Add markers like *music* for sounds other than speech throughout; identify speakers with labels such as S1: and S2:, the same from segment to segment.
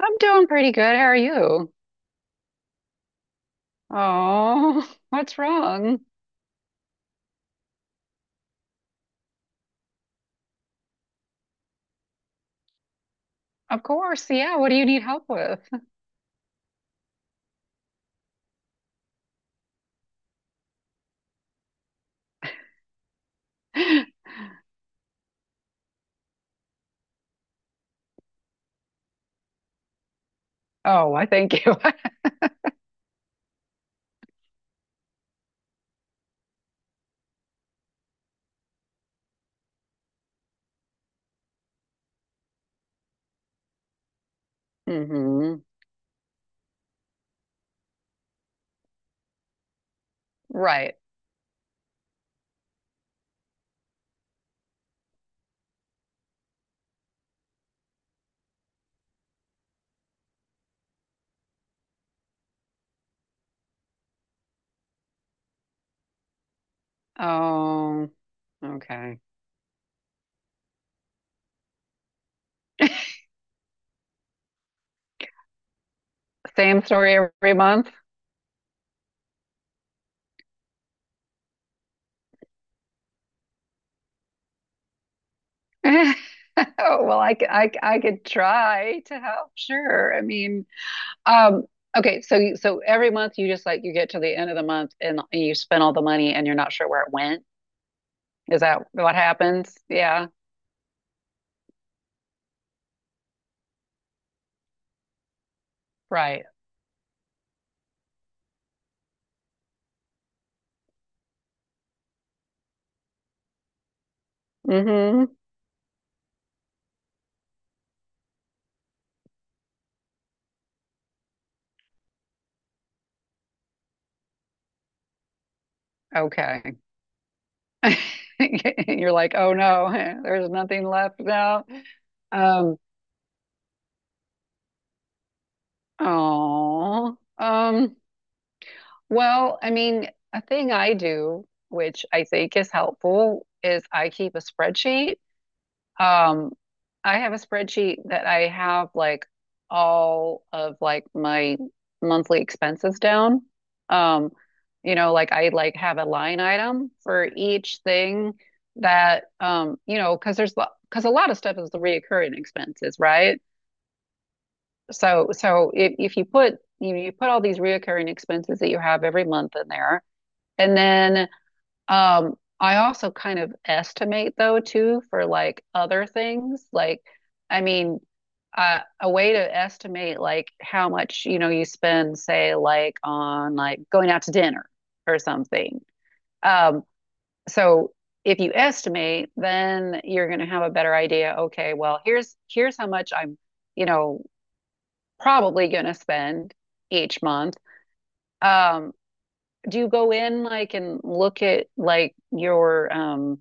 S1: I'm doing pretty good. How are you? Oh, *laughs* what's wrong? Of course. Yeah. What do you need help with? *laughs* Oh, I thank you. *laughs* Hmm. Right. Oh, okay. Same story every month. *laughs* Oh, well, I could try to help. Sure. I mean, um, okay. So every month you just like, you get to the end of the month and you spend all the money and you're not sure where it went. Is that what happens? Yeah. Right. Mm-hmm. Okay. *laughs* And you're like, oh no, *laughs* there's nothing left now. Um, oh, well, I mean, a thing I do, which I think is helpful, is I keep a spreadsheet. Um, I have a spreadsheet that I have like all of like my monthly expenses down. Um, you know, like I like have a line item for each thing that you know, because there's because a lot of stuff is the reoccurring expenses, right? So if you put, you put all these reoccurring expenses that you have every month in there, and then I also kind of estimate though too for like other things. Like, I mean, a way to estimate like how much, you spend, say, like on like going out to dinner or something. Um, so if you estimate, then you're going to have a better idea. Okay, well, here's how much I'm, you know, probably going to spend each month. Um, do you go in like and look at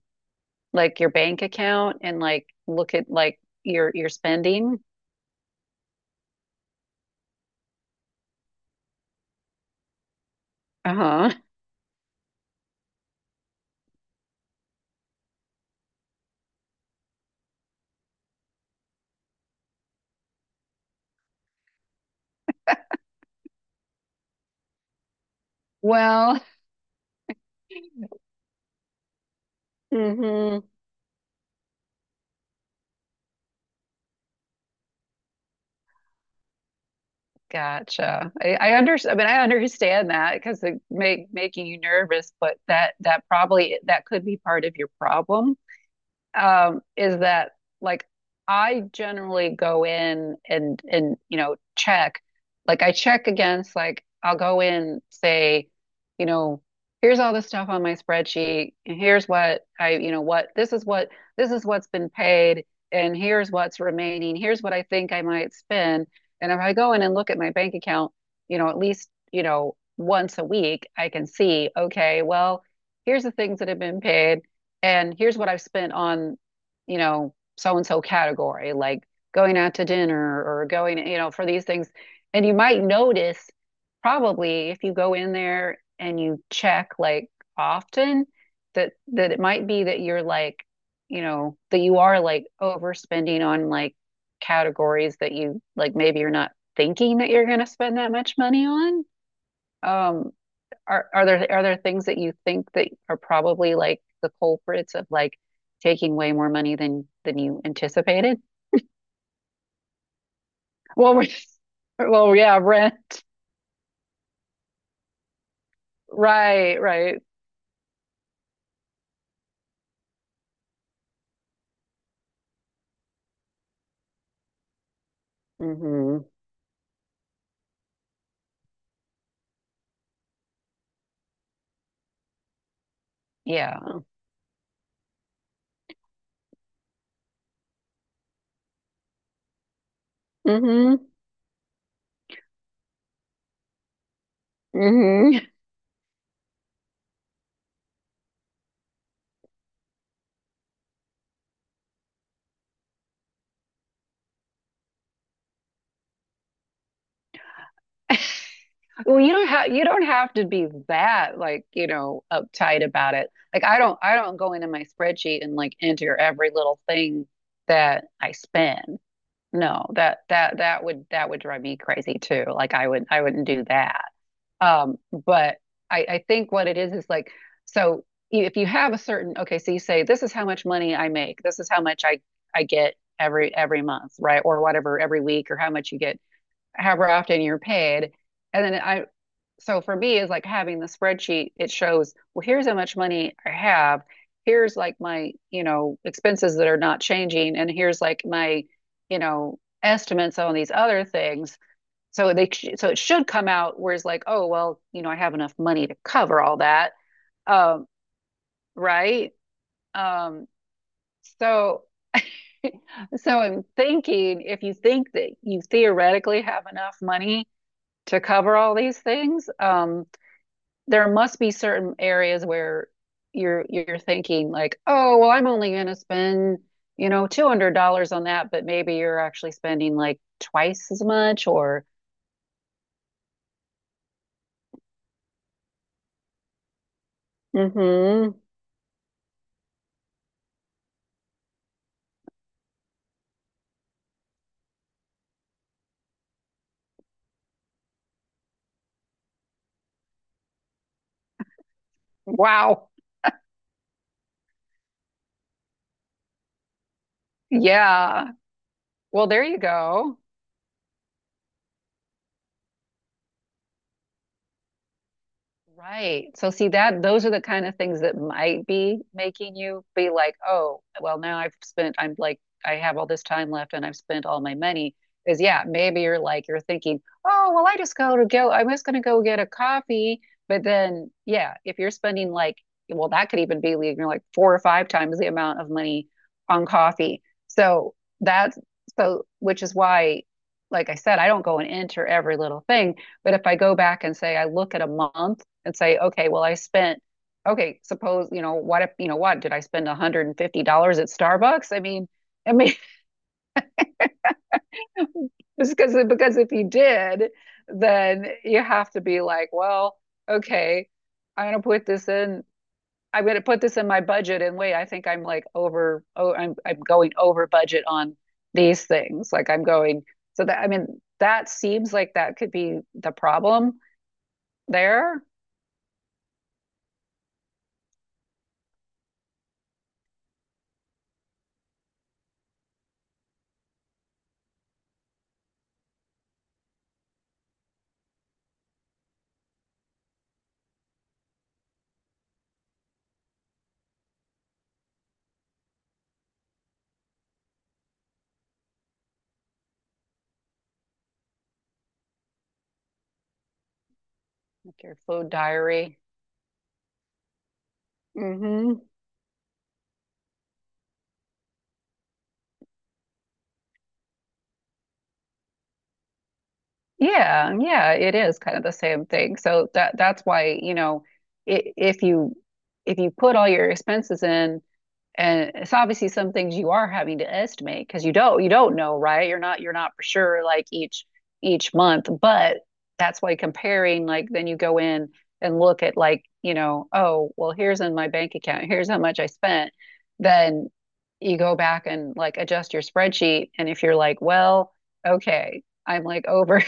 S1: like your bank account and like look at like your spending. Uh-huh. Well, mm hmm Gotcha. I understand. I mean, I understand that because it make making you nervous, but that probably that could be part of your problem. Is that like I generally go in and you know check, like I check against like I'll go in say, you know, here's all the stuff on my spreadsheet, and here's what I what this is what's been paid, and here's what's remaining, here's what I think I might spend, and if I go in and look at my bank account, at least once a week, I can see okay, well, here's the things that have been paid and here's what I've spent on, so and so category, like going out to dinner or going, for these things. And you might notice probably if you go in there and you check like often that it might be that you're like, that you are like overspending on like categories that you like maybe you're not thinking that you're going to spend that much money on. Um, are there things that you think that are probably like the culprits of like taking way more money than you anticipated? Well, we- well, yeah, rent. Right, right. Hmm. Yeah. Hmm. mm hmm *laughs* Well, you don't have to be that like, uptight about it. Like I don't go into my spreadsheet and like enter every little thing that I spend. No, that would drive me crazy too. Like I wouldn't do that. Um, but I think what it is like, so if you have a certain, okay, so you say, this is how much money I make, this is how much I get every month, right? Or whatever, every week, or how much you get, however often you're paid. And then so for me, is like having the spreadsheet, it shows, well, here's how much money I have. Here's like my, expenses that are not changing, and here's like my, estimates on these other things so they so it should come out where it's like, oh well, I have enough money to cover all that, um, right? Um, so *laughs* so I'm thinking if you think that you theoretically have enough money to cover all these things, there must be certain areas where you're thinking like, oh well, I'm only going to spend $200 on that, but maybe you're actually spending like twice as much or mm-hmm, wow. Yeah. Well, there you go. Right. So see that those are the kind of things that might be making you be like, oh, well, now I've spent, I'm like, I have all this time left and I've spent all my money. Is yeah, maybe you're like, you're thinking, oh, well, I'm just gonna go get a coffee. But then, yeah, if you're spending like, well, that could even be like, you're like four or five times the amount of money on coffee. So that's so, which is why, like I said, I don't go and enter every little thing. But if I go back and say I look at a month and say, okay, well, I spent, okay, suppose, what if, what did I spend $150 at Starbucks? I mean, *laughs* I mean, it's because if you did, then you have to be like, well, okay, I'm gonna put this in. I'm gonna put this in my budget, and wait, I think I'm like over. Oh, I'm going over budget on these things. Like I'm going. So that I mean, that seems like that could be the problem there. Like your food diary. Mm hmm Yeah, yeah, it is kind of the same thing. So that's why, i- if you if you put all your expenses in, and it's obviously some things you are having to estimate because you don't know, right? You're not for sure like each month, but that's why comparing like then you go in and look at like, oh, well, here's in my bank account, here's how much I spent. Then you go back and like adjust your spreadsheet, and if you're like, well, okay.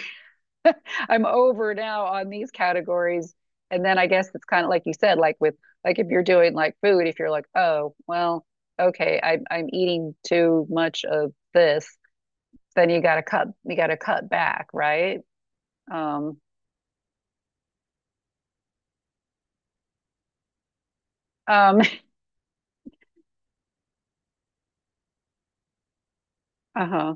S1: I'm over now on these categories. And then I guess it's kind of like you said, like with like if you're doing like food, if you're like, oh, well, okay, I'm eating too much of this, then you gotta cut back, right? Um, um, *laughs* uh-huh.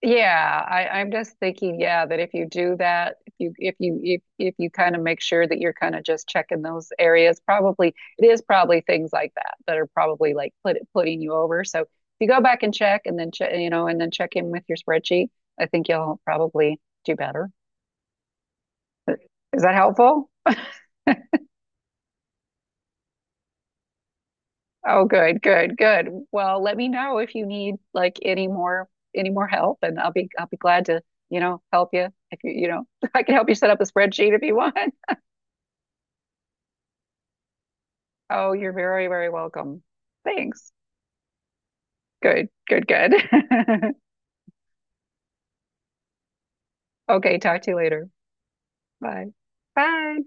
S1: Yeah, I'm just thinking, yeah, that if you do that, if you kind of make sure that you're kind of just checking those areas, probably it is probably things like that that are probably like putting you over. So if you go back and check, and then check, and then check in with your spreadsheet, I think you'll probably do better. Is that helpful? Oh, good, good, good. Well, let me know if you need like any more help, and I'll be glad to, help you if you you know *laughs* I can help you set up a spreadsheet if you want. Oh, you're very, very welcome. Thanks. Good, good, good. *laughs* Okay, talk to you later. Bye. Bye.